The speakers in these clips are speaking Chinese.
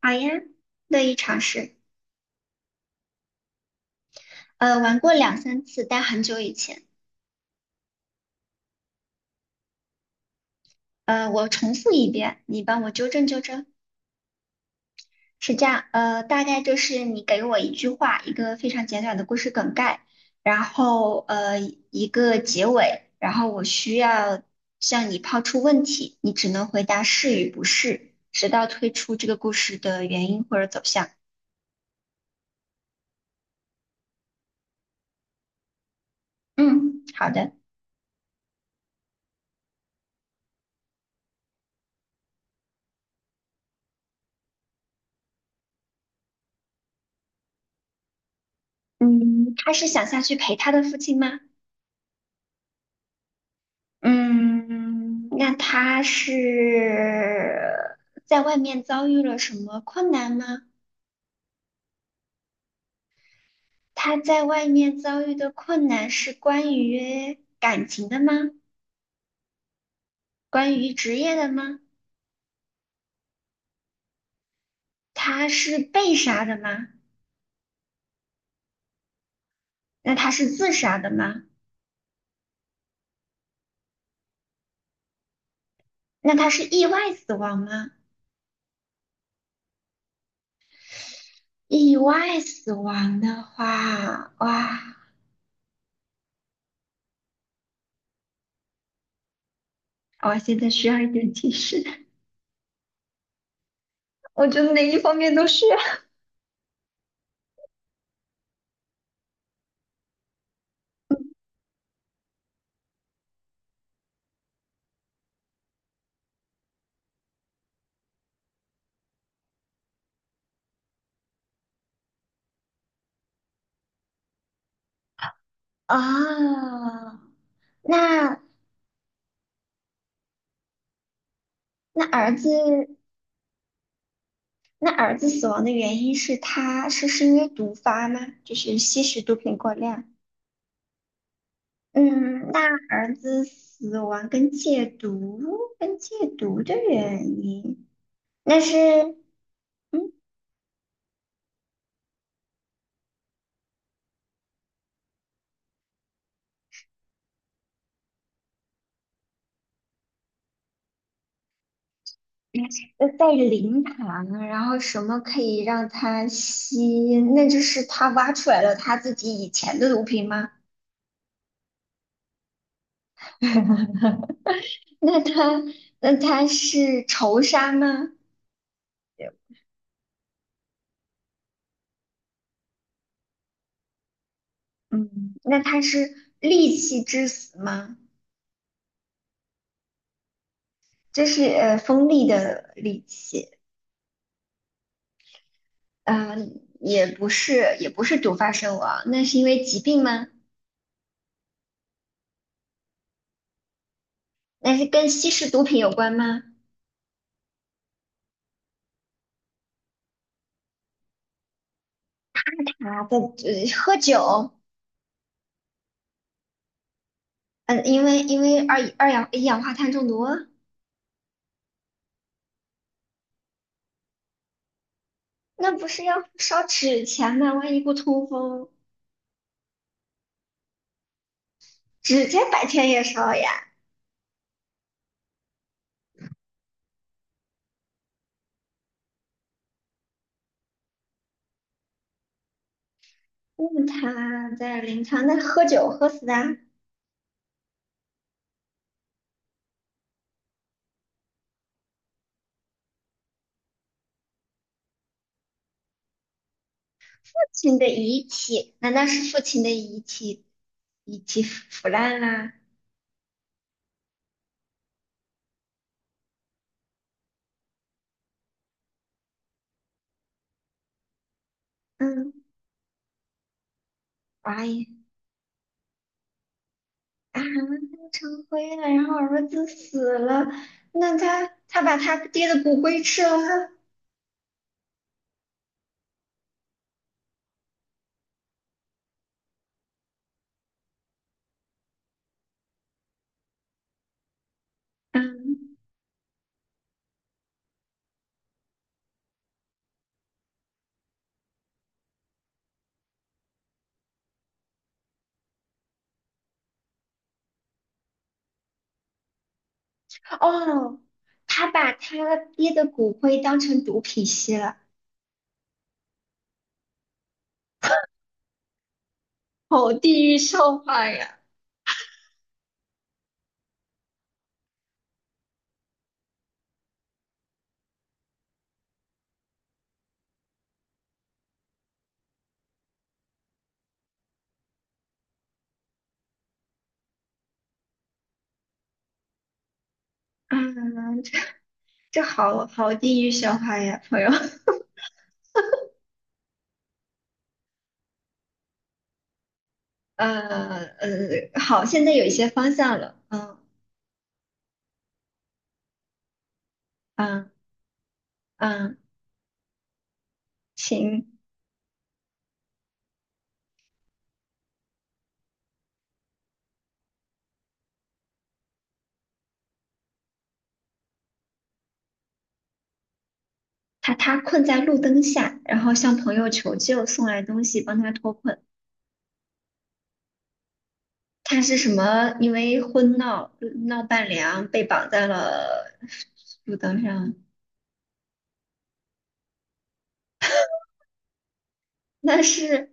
好呀，乐意尝试。玩过两三次，但很久以前。我重复一遍，你帮我纠正纠正。是这样，大概就是你给我一句话，一个非常简短的故事梗概，然后一个结尾，然后我需要向你抛出问题，你只能回答是与不是，直到推出这个故事的原因或者走向。嗯，好的。嗯，他是想下去陪他的父亲吗？嗯，那他是在外面遭遇了什么困难吗？他在外面遭遇的困难是关于感情的吗？关于职业的吗？他是被杀的吗？那他是自杀的吗？那他是意外死亡吗？意外死亡的话，哇，我现在需要一点提示。我觉得哪一方面都需要。 啊。那那儿子那儿子死亡的原因是他是因为毒发吗？就是吸食毒品过量。嗯，那儿子死亡跟戒毒跟戒毒的原因，那是。嗯，在灵堂，然后什么可以让他吸？那就是他挖出来了他自己以前的毒品吗？那他那他是仇杀吗？嗯，那他是戾气致死吗？这是锋利的利器。嗯、也不是，毒发身亡，那是因为疾病吗？那是跟吸食毒品有关吗？啊，在喝酒。嗯、因为一氧化碳中毒，那不是要烧纸钱吗？万一不通风，指甲白天也烧呀。那他在灵堂，那喝酒喝死的，父亲的遗体，难道是父亲的遗体遗体腐烂啦？嗯，哇，啊，弄成灰了，然后儿子死了，那他把他爹的骨灰吃了吗？嗯，哦，他把他爹的骨灰当成毒品吸了，好地狱笑话呀！啊，这这好地狱笑话呀，朋友。呃好，现在有一些方向了。嗯。嗯。嗯，行。他困在路灯下，然后向朋友求救，送来东西帮他脱困。他是什么？因为婚闹伴娘被绑在了路灯上。那是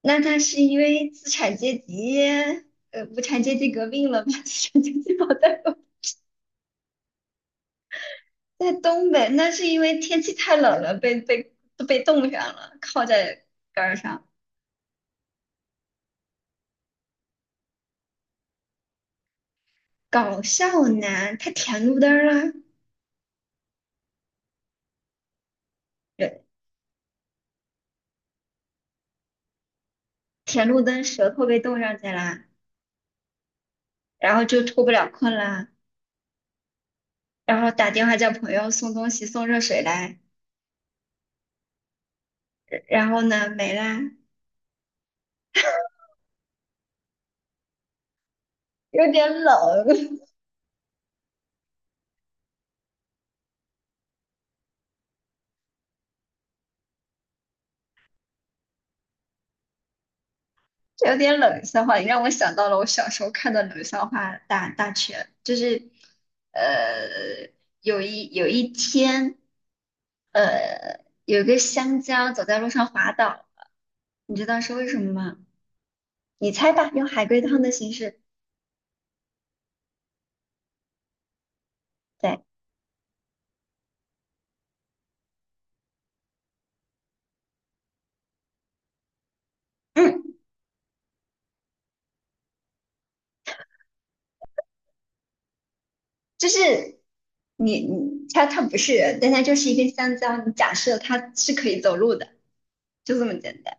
那他是因为资产阶级呃无产阶级革命了把 资产阶级绑在了。在东北，那是因为天气太冷了，被冻上了，靠在杆儿上。搞笑男他舔路灯啊，人舔路灯舌头被冻上去了，然后就脱不了困了，然后打电话叫朋友送东西送热水来。然后呢，没啦，有点冷。有点冷笑话，你让我想到了我小时候看的冷笑话大全，就是呃，有一天，有个香蕉走在路上滑倒了，你知道是为什么吗？你猜吧，用海龟汤的形式。对，嗯，就是你它不是人，但它就是一根香蕉，你假设它是可以走路的，就这么简单。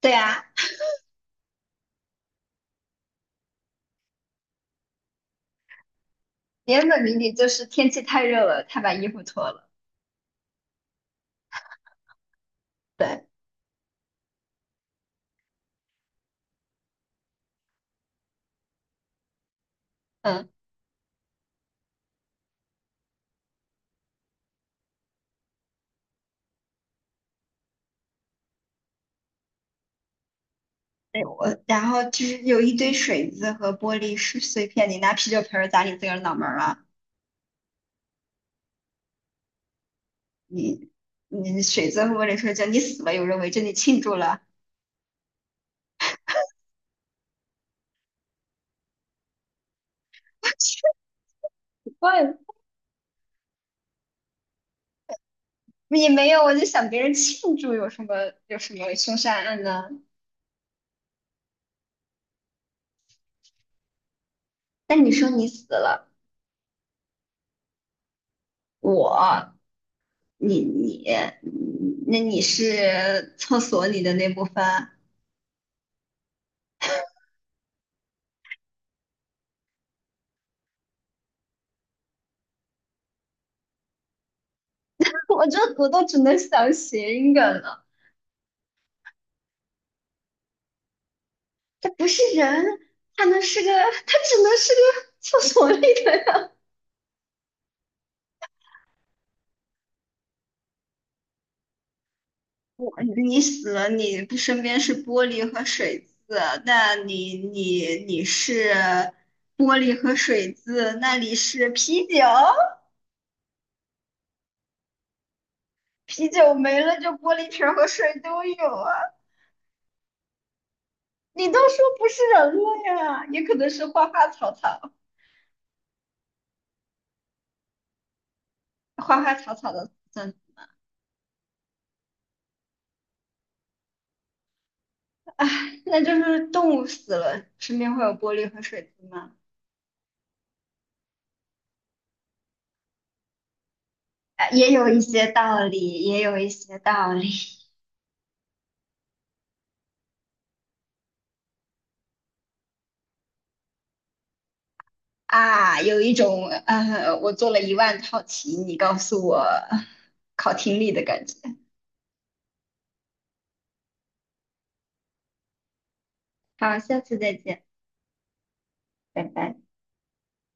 对啊，原本谜底就是天气太热了，他把衣服脱了。对。嗯，对，我，然后就是有一堆水渍和玻璃碎片，你拿啤酒瓶儿砸你自个儿脑门儿了。你你水渍和玻璃碎就你死了有人围着你庆祝了。我也没有，我就想别人庆祝有什么凶杀案呢？但你说你死了。我你你，嗯，那你是厕所里的那部分。我都只能想谐音梗了。它不是人，它能是个，它只能是个厕所里的人。你死了，你不身边是玻璃和水渍，那你是玻璃和水渍，那里是啤酒，啤酒没了就玻璃瓶儿和水都有啊。你都说不是人了呀，也可能是花花草草，花花草草的，嗯。唉，那就是动物死了，身边会有玻璃和水渍吗？也有一些道理，啊。有一种我做了10000套题，你告诉我考听力的感觉。好，下次再见，拜拜。